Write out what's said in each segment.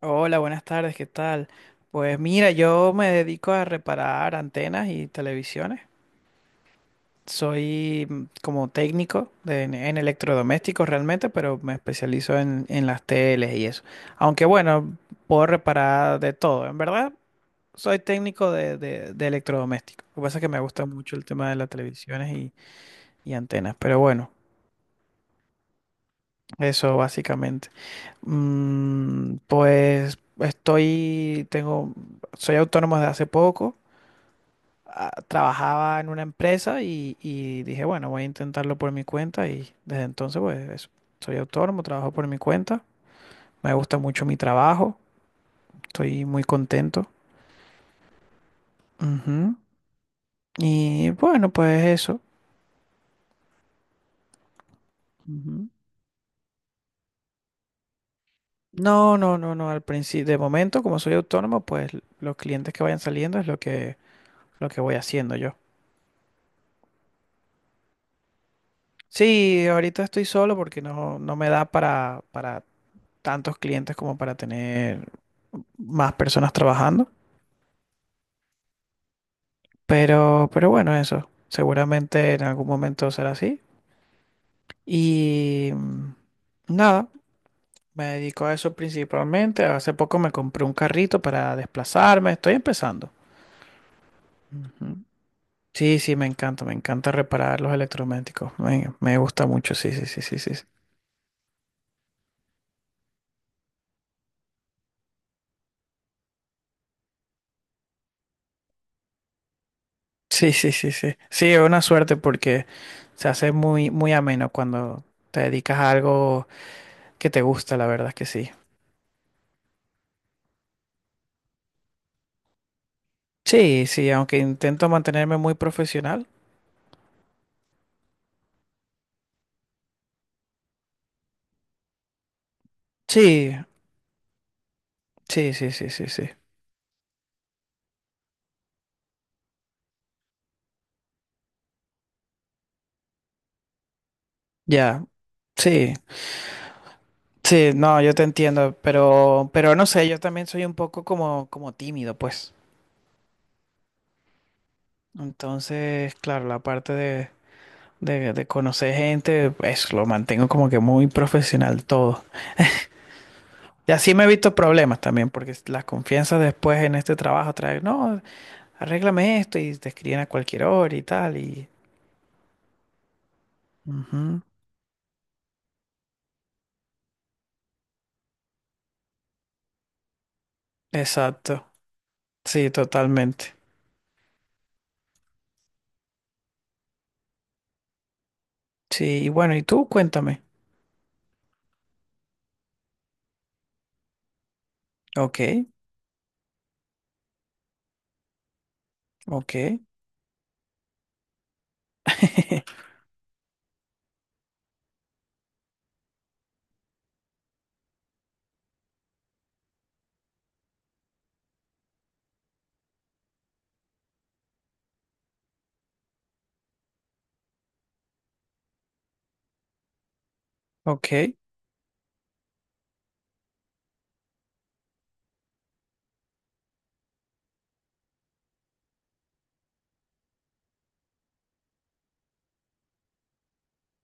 Hola, buenas tardes, ¿qué tal? Pues mira, yo me dedico a reparar antenas y televisiones. Soy como técnico en electrodomésticos realmente, pero me especializo en las teles y eso. Aunque bueno, puedo reparar de todo. En verdad, soy técnico de electrodomésticos. Lo que pasa es que me gusta mucho el tema de las televisiones y antenas. Pero bueno, eso básicamente. Pues soy autónomo desde hace poco. Ah, trabajaba en una empresa y dije, bueno, voy a intentarlo por mi cuenta y desde entonces pues eso, soy autónomo, trabajo por mi cuenta, me gusta mucho mi trabajo, estoy muy contento. Ujú. Y bueno, pues eso. Ujú. No, no, no, no, al principio, de momento como soy autónomo, pues los clientes que vayan saliendo es lo que voy haciendo yo. Sí, ahorita estoy solo porque no, no me da para tantos clientes como para tener más personas trabajando. Pero bueno, eso. Seguramente en algún momento será así. Y nada, me dedico a eso principalmente. Hace poco me compré un carrito para desplazarme. Estoy empezando. Ujú. Sí, sí, me encanta reparar los electrodomésticos. Me gusta mucho, sí, sí, sí, sí, sí. Sí, sí, sí, sí. Sí, sí, es una suerte porque se hace muy, muy ameno cuando te dedicas a algo que te gusta, la verdad es que sí. Sí, sí, aunque intento mantenerme muy profesional. Sí, sí, sí, sí, sí, sí. Ya, sí, sí, no, yo te entiendo, pero no sé, yo también soy un poco como tímido, pues. Entonces, claro, la parte de conocer gente, eso lo mantengo como que muy profesional todo. Y así me he visto problemas también, porque las confianzas después en este trabajo traen, no, arréglame esto y te escriben a cualquier hora y tal, y... Ujú, exacto, sí, totalmente. Sí, y bueno, ¿y tú? Cuéntame. Ok, ok. Ok,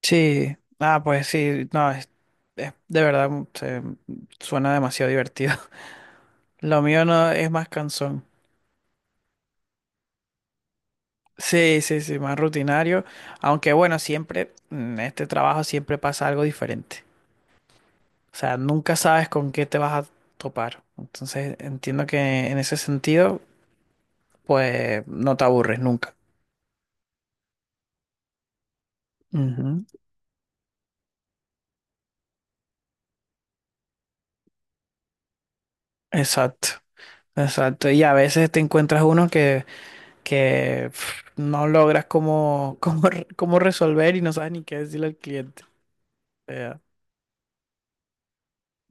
sí. Ah, pues sí, no, de verdad suena demasiado divertido. Lo mío no es más cansón. Sí, sí, sí, más rutinario. Aunque bueno, siempre en este trabajo siempre pasa algo diferente. O sea, nunca sabes con qué te vas a topar. Entonces entiendo que en ese sentido, pues no te aburres nunca. Ujú, exacto, exacto. Y a veces te encuentras uno que pf, no logras cómo, cómo resolver y no sabes ni qué decirle al cliente. O sea,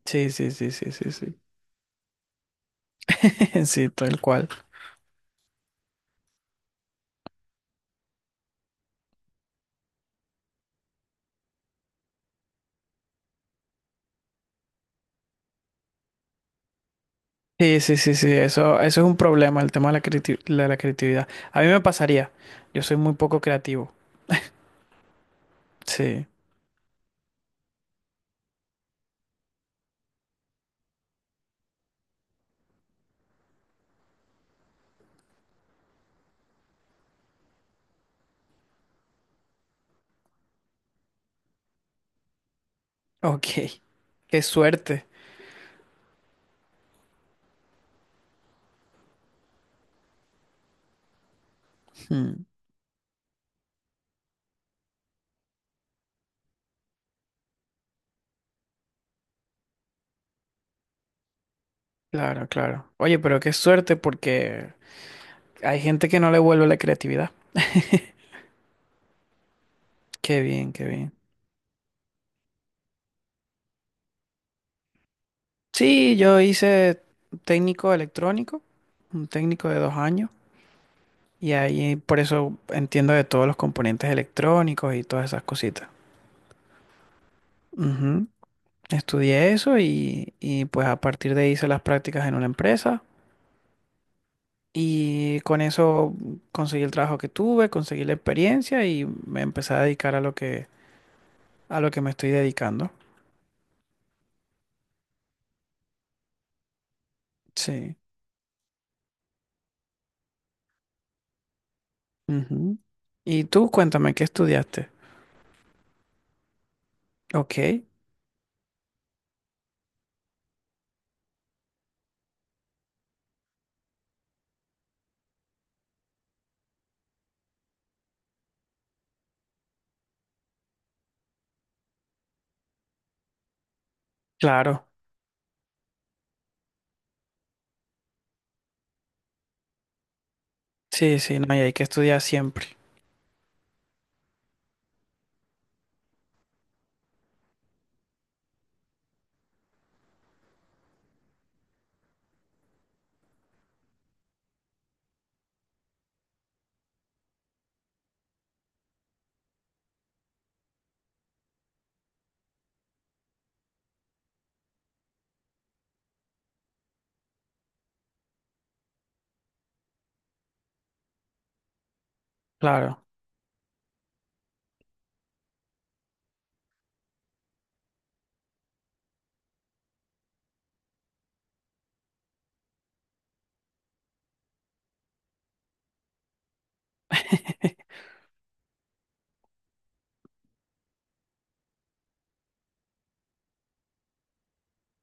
sí, sí, sí, sí, sí, sí. Sí, tal cual. Sí, sí, sí, sí. Eso es un problema, el tema de la creatividad. A mí me pasaría. Yo soy muy poco creativo. Sí. Ok. Qué suerte. Mm, Claro, claro. Oye, pero qué suerte porque hay gente que no le vuelve la creatividad. Qué bien, qué bien. Sí, yo hice técnico electrónico, un técnico de 2 años. Y ahí por eso entiendo de todos los componentes electrónicos y todas esas cositas. Ujú. Estudié eso y pues a partir de ahí hice las prácticas en una empresa y con eso conseguí el trabajo que tuve, conseguí la experiencia y me empecé a dedicar a lo que me estoy dedicando. Sí. Ujú. Y tú cuéntame, ¿qué estudiaste? Ok, claro. Sí, sí, no, y hay que estudiar siempre. Claro,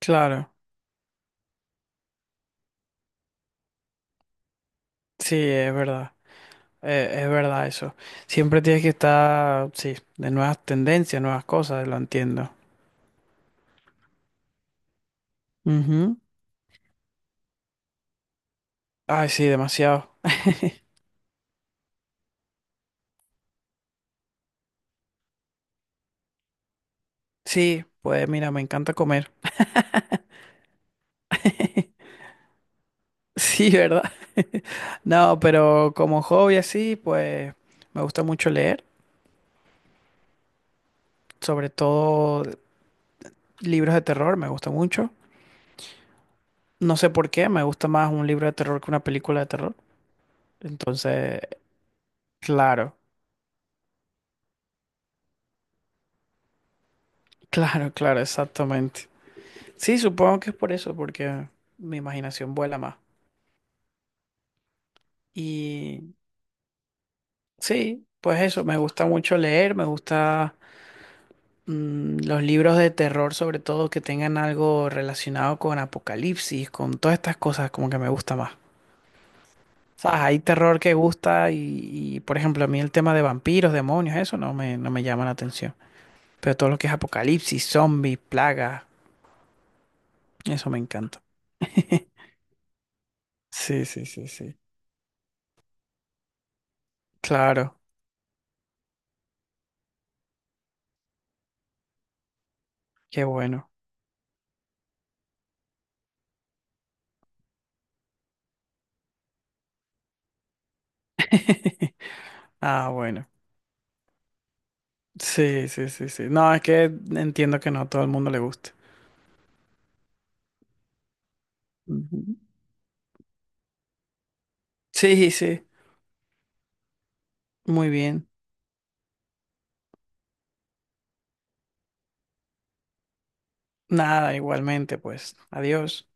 claro. Sí, es verdad. Es verdad eso. Siempre tienes que estar, sí, de nuevas tendencias, nuevas cosas, lo entiendo. Ujú. Ay, sí, demasiado. Sí, pues mira, me encanta comer. Sí, ¿verdad? No, pero como hobby así, pues me gusta mucho leer, sobre todo libros de terror, me gusta mucho. No sé por qué, me gusta más un libro de terror que una película de terror. Entonces, claro, claro, claro, exactamente. Sí, supongo que es por eso, porque mi imaginación vuela más. Y sí, pues eso, me gusta mucho leer, me gusta los libros de terror, sobre todo que tengan algo relacionado con apocalipsis, con todas estas cosas, como que me gusta más. O sea, hay terror que gusta y, por ejemplo, a mí el tema de vampiros, demonios, eso no me llama la atención. Pero todo lo que es apocalipsis, zombies, plagas, eso me encanta. Sí, sí, sí, sí. Claro, qué bueno. Ah, bueno. Sí, sí, sí, sí. No, es que entiendo que no a todo el mundo le guste. Ujú. Sí, sí, muy bien. Nada, igualmente, pues, adiós.